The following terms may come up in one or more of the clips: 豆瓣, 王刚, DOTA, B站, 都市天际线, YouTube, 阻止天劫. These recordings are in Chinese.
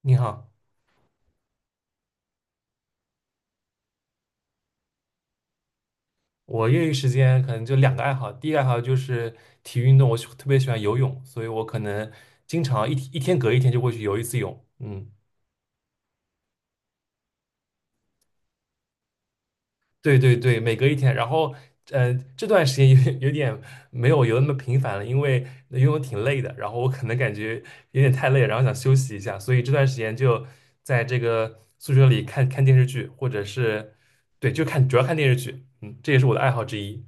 你好，我业余时间可能就两个爱好，第一个爱好就是体育运动，我喜特别喜欢游泳，所以我可能经常一天隔一天就会去游一次泳。嗯，对对对，每隔一天。然后，这段时间有点没有游那么频繁了，因为游泳挺累的，然后我可能感觉有点太累了然后想休息一下，所以这段时间就在这个宿舍里看看电视剧，或者是对，主要看电视剧。嗯，这也是我的爱好之一。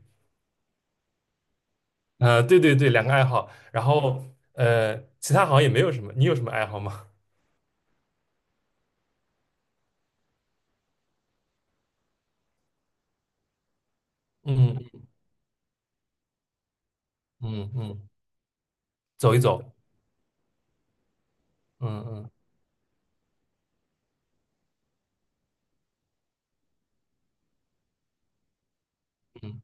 对对对，两个爱好，其他好像也没有什么，你有什么爱好吗？嗯嗯嗯，走一走，嗯嗯嗯，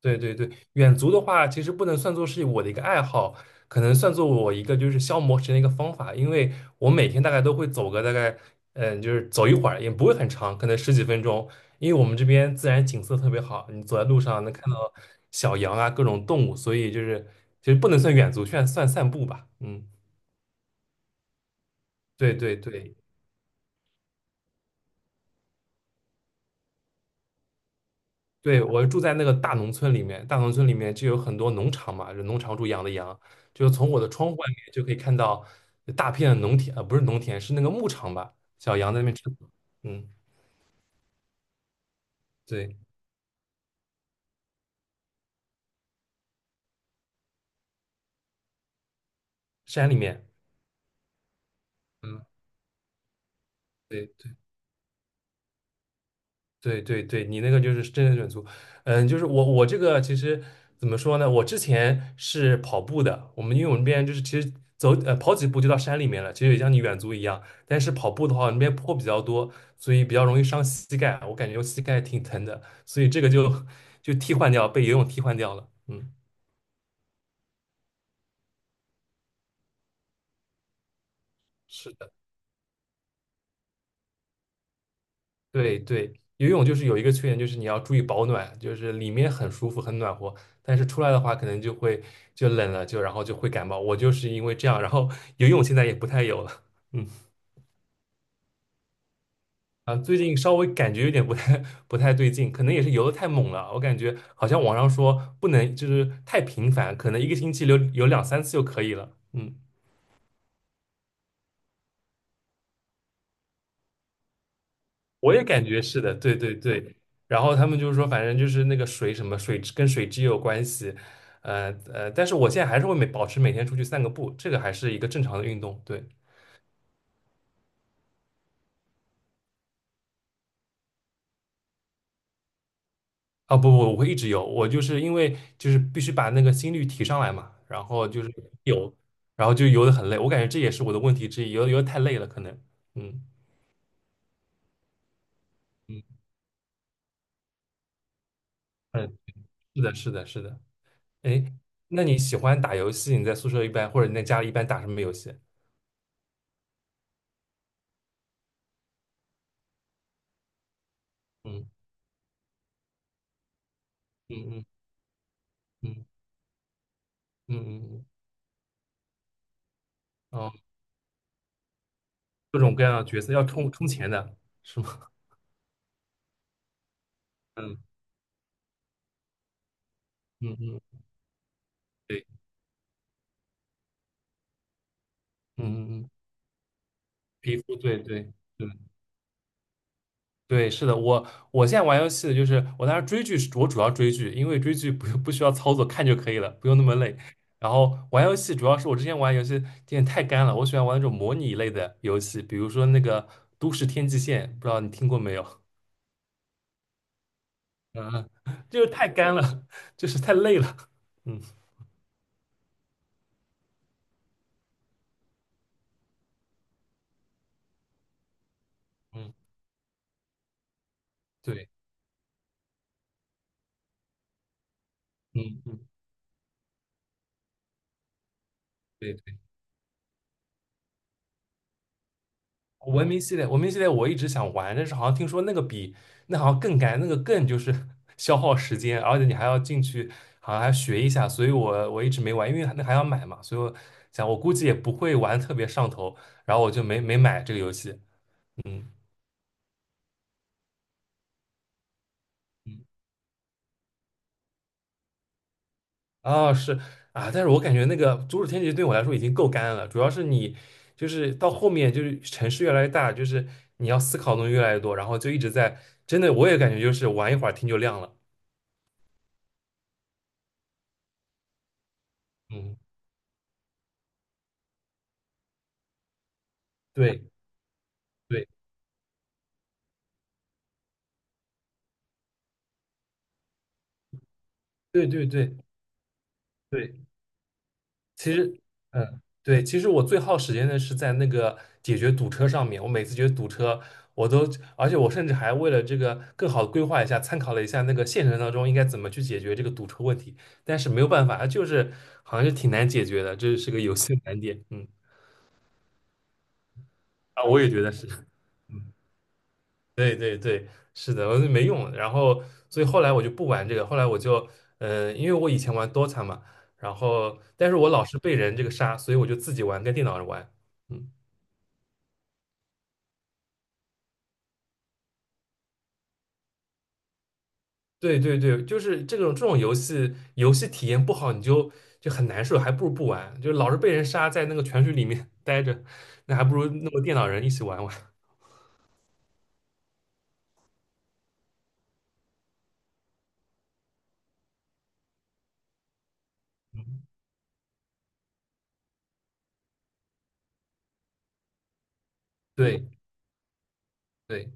对对对，远足的话，其实不能算作是我的一个爱好，可能算作我一个就是消磨时间的一个方法，因为我每天大概都会走个大概，嗯、就是走一会儿，也不会很长，可能十几分钟，因为我们这边自然景色特别好，你走在路上能看到小羊啊，各种动物，所以就是其实不能算远足，算算散步吧。嗯，对对对，对，我住在那个大农村里面，大农村里面就有很多农场嘛，就农场主养的羊，就是从我的窗户外面就可以看到大片的农田，不是农田，是那个牧场吧，小羊在那边吃草。嗯，对，山里面，嗯，对对。对对对，你那个就是真人远足，嗯，就是我这个其实怎么说呢？我之前是跑步的，因为我们那边就是其实跑几步就到山里面了，其实也像你远足一样。但是跑步的话，那边坡比较多，所以比较容易伤膝盖，我感觉我膝盖挺疼的，所以这个就 就替换掉，被游泳替换掉了。嗯，是。对对，游泳就是有一个缺点，就是你要注意保暖，就是里面很舒服很暖和，但是出来的话可能就冷了，就然后就会感冒。我就是因为这样，然后 游泳现在也不太有了。嗯啊，最近稍微感觉有点不太对劲，可能也是游的太猛了，我感觉好像网上说不能就是太频繁，可能一个星期游游两三次就可以了。嗯，我也感觉是的，对对对。然后他们就是说，反正就是那个水什么水质跟水质也有关系，但是我现在还是会保持每天出去散个步，这个还是一个正常的运动。对，啊不不，我会一直游，我就是因为就是必须把那个心率提上来嘛，然后就是有，然后就游的很累，我感觉这也是我的问题之一，游游得太累了可能。嗯嗯嗯，是的是的是的。哎，那你喜欢打游戏？你在宿舍一般或者你在家里一般打什么游戏？嗯嗯嗯嗯嗯嗯嗯。哦，各种各样的角色要充充钱的，是吗？嗯嗯嗯，对，嗯嗯嗯，皮肤，对对对对，是的，我现在玩游戏就是我当时追剧是，我主要追剧，因为追剧不需要操作，看就可以了，不用那么累。然后玩游戏主要是我之前玩游戏有点太干了，我喜欢玩那种模拟类的游戏，比如说那个《都市天际线》，不知道你听过没有？嗯，就是太干了，就是太累了。嗯嗯，对，嗯嗯。对。文明系列，文明系列我一直想玩，但是好像听说那个比那好像更干，那个更就是 消耗时间，而且你还要进去，好像还要学一下，所以我一直没玩，因为那还要买嘛，所以我想我估计也不会玩特别上头，然后我就没买这个游戏。嗯，啊是啊，但是我感觉那个《阻止天劫》对我来说已经够干了，主要是你就是到后面就是城市越来越大，就是你要思考的东西越来越多，然后就一直在真的我也感觉就是玩一会儿天就亮了。嗯，对。对对对对对，其实，嗯，对，其实我最耗时间的是在那个解决堵车上面。我每次觉得堵车，我都，而且我甚至还为了这个更好的规划一下，参考了一下那个现实当中应该怎么去解决这个堵车问题。但是没有办法，就是好像是挺难解决的，这是个游戏的难点。嗯，啊，我也觉得是。对对对，是的，我就没用。然后，所以后来我就不玩这个。后来我就，嗯、因为我以前玩 DOTA 嘛，然后，但是我老是被人这个杀，所以我就自己玩，跟电脑人玩。嗯，对对对，就是这种这种游戏，游戏体验不好，你就就很难受，还不如不玩。就老是被人杀，在那个泉水里面 待着，那还不如弄个电脑人一起玩玩。嗯对对，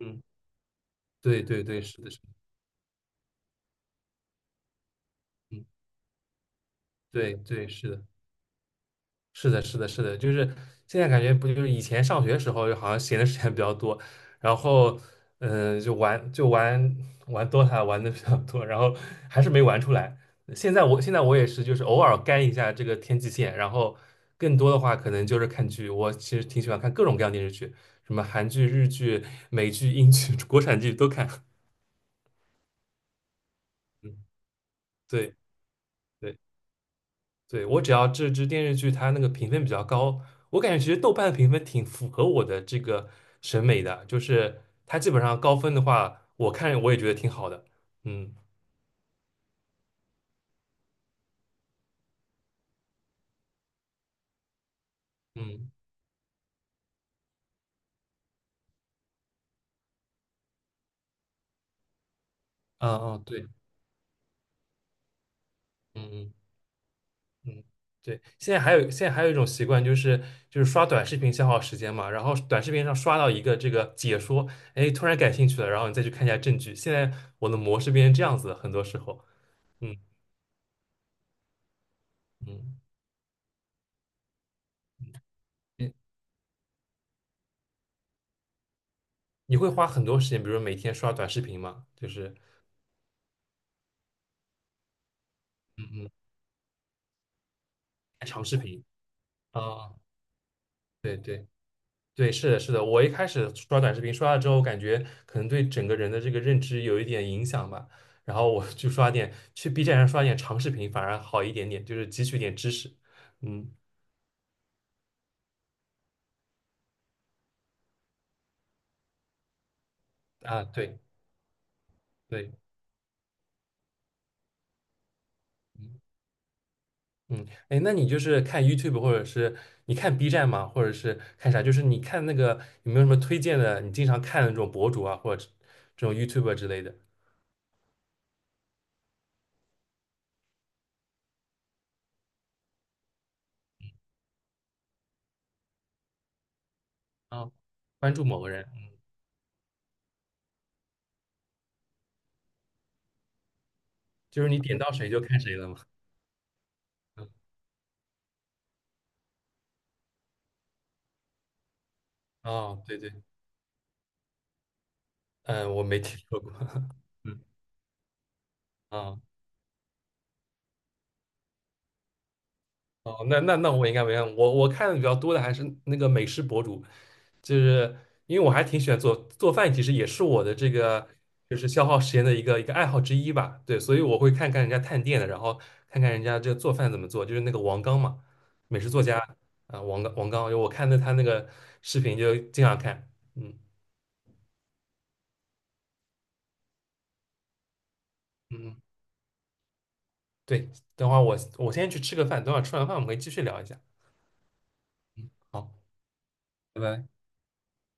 嗯，对对对，是的，是的，嗯，对对是的。是的，是的，是的，就是现在感觉不就是以前上学时候，好像闲的时间比较多，然后，嗯、呃就玩就玩玩 DOTA 玩的比较多，然后还是没玩出来。现在我也是，就是偶尔干一下这个天际线，然后更多的话可能就是看剧。我其实挺喜欢看各种各样的电视剧，什么韩剧、日剧、美剧、英剧、国产剧都看。嗯，对。对对，我只要这支电视剧它那个评分比较高，我感觉其实豆瓣的评分挺符合我的这个审美的，就是它基本上高分的话，我看我也觉得挺好的。嗯嗯嗯嗯，对，嗯嗯嗯，对。现在还有一种习惯，就是刷短视频消耗时间嘛，然后短视频上刷到一个这个解说，哎，突然感兴趣了，然后你再去看一下证据。现在我的模式变成这样子了很多时候。嗯嗯，你你会花很多时间，比如说每天刷短视频嘛，就是。嗯嗯，长视频啊，对对对，是的，是的。我一开始刷短视频，刷了之后，感觉可能对整个人的这个认知有一点影响吧。然后我就刷点，去 B 站上刷点长视频，反而好一点点，就是汲取点知识。嗯啊，对对，嗯嗯。哎，那你就是看 YouTube 或者是你看 B 站吗？或者是看啥？就是你看那个有没有什么推荐的？你经常看的那种博主啊，或者这种 YouTube 之类的啊，关注某个人，就是你点到谁就看谁了嘛。哦，对对，嗯，我没听说过，嗯，啊，哦，那我应该没看，我看的比较多的还是那个美食博主，就是因为我还挺喜欢做做饭，其实也是我的这个就是消耗时间的一个爱好之一吧，对，所以我会看看人家探店的，然后看看人家这个做饭怎么做，就是那个王刚嘛，美食作家啊，王刚王刚，我看的他那个视频就经常看。嗯嗯，嗯对，等会儿我先去吃个饭，等会儿吃完饭我们可以继续聊一下，嗯，好，拜拜。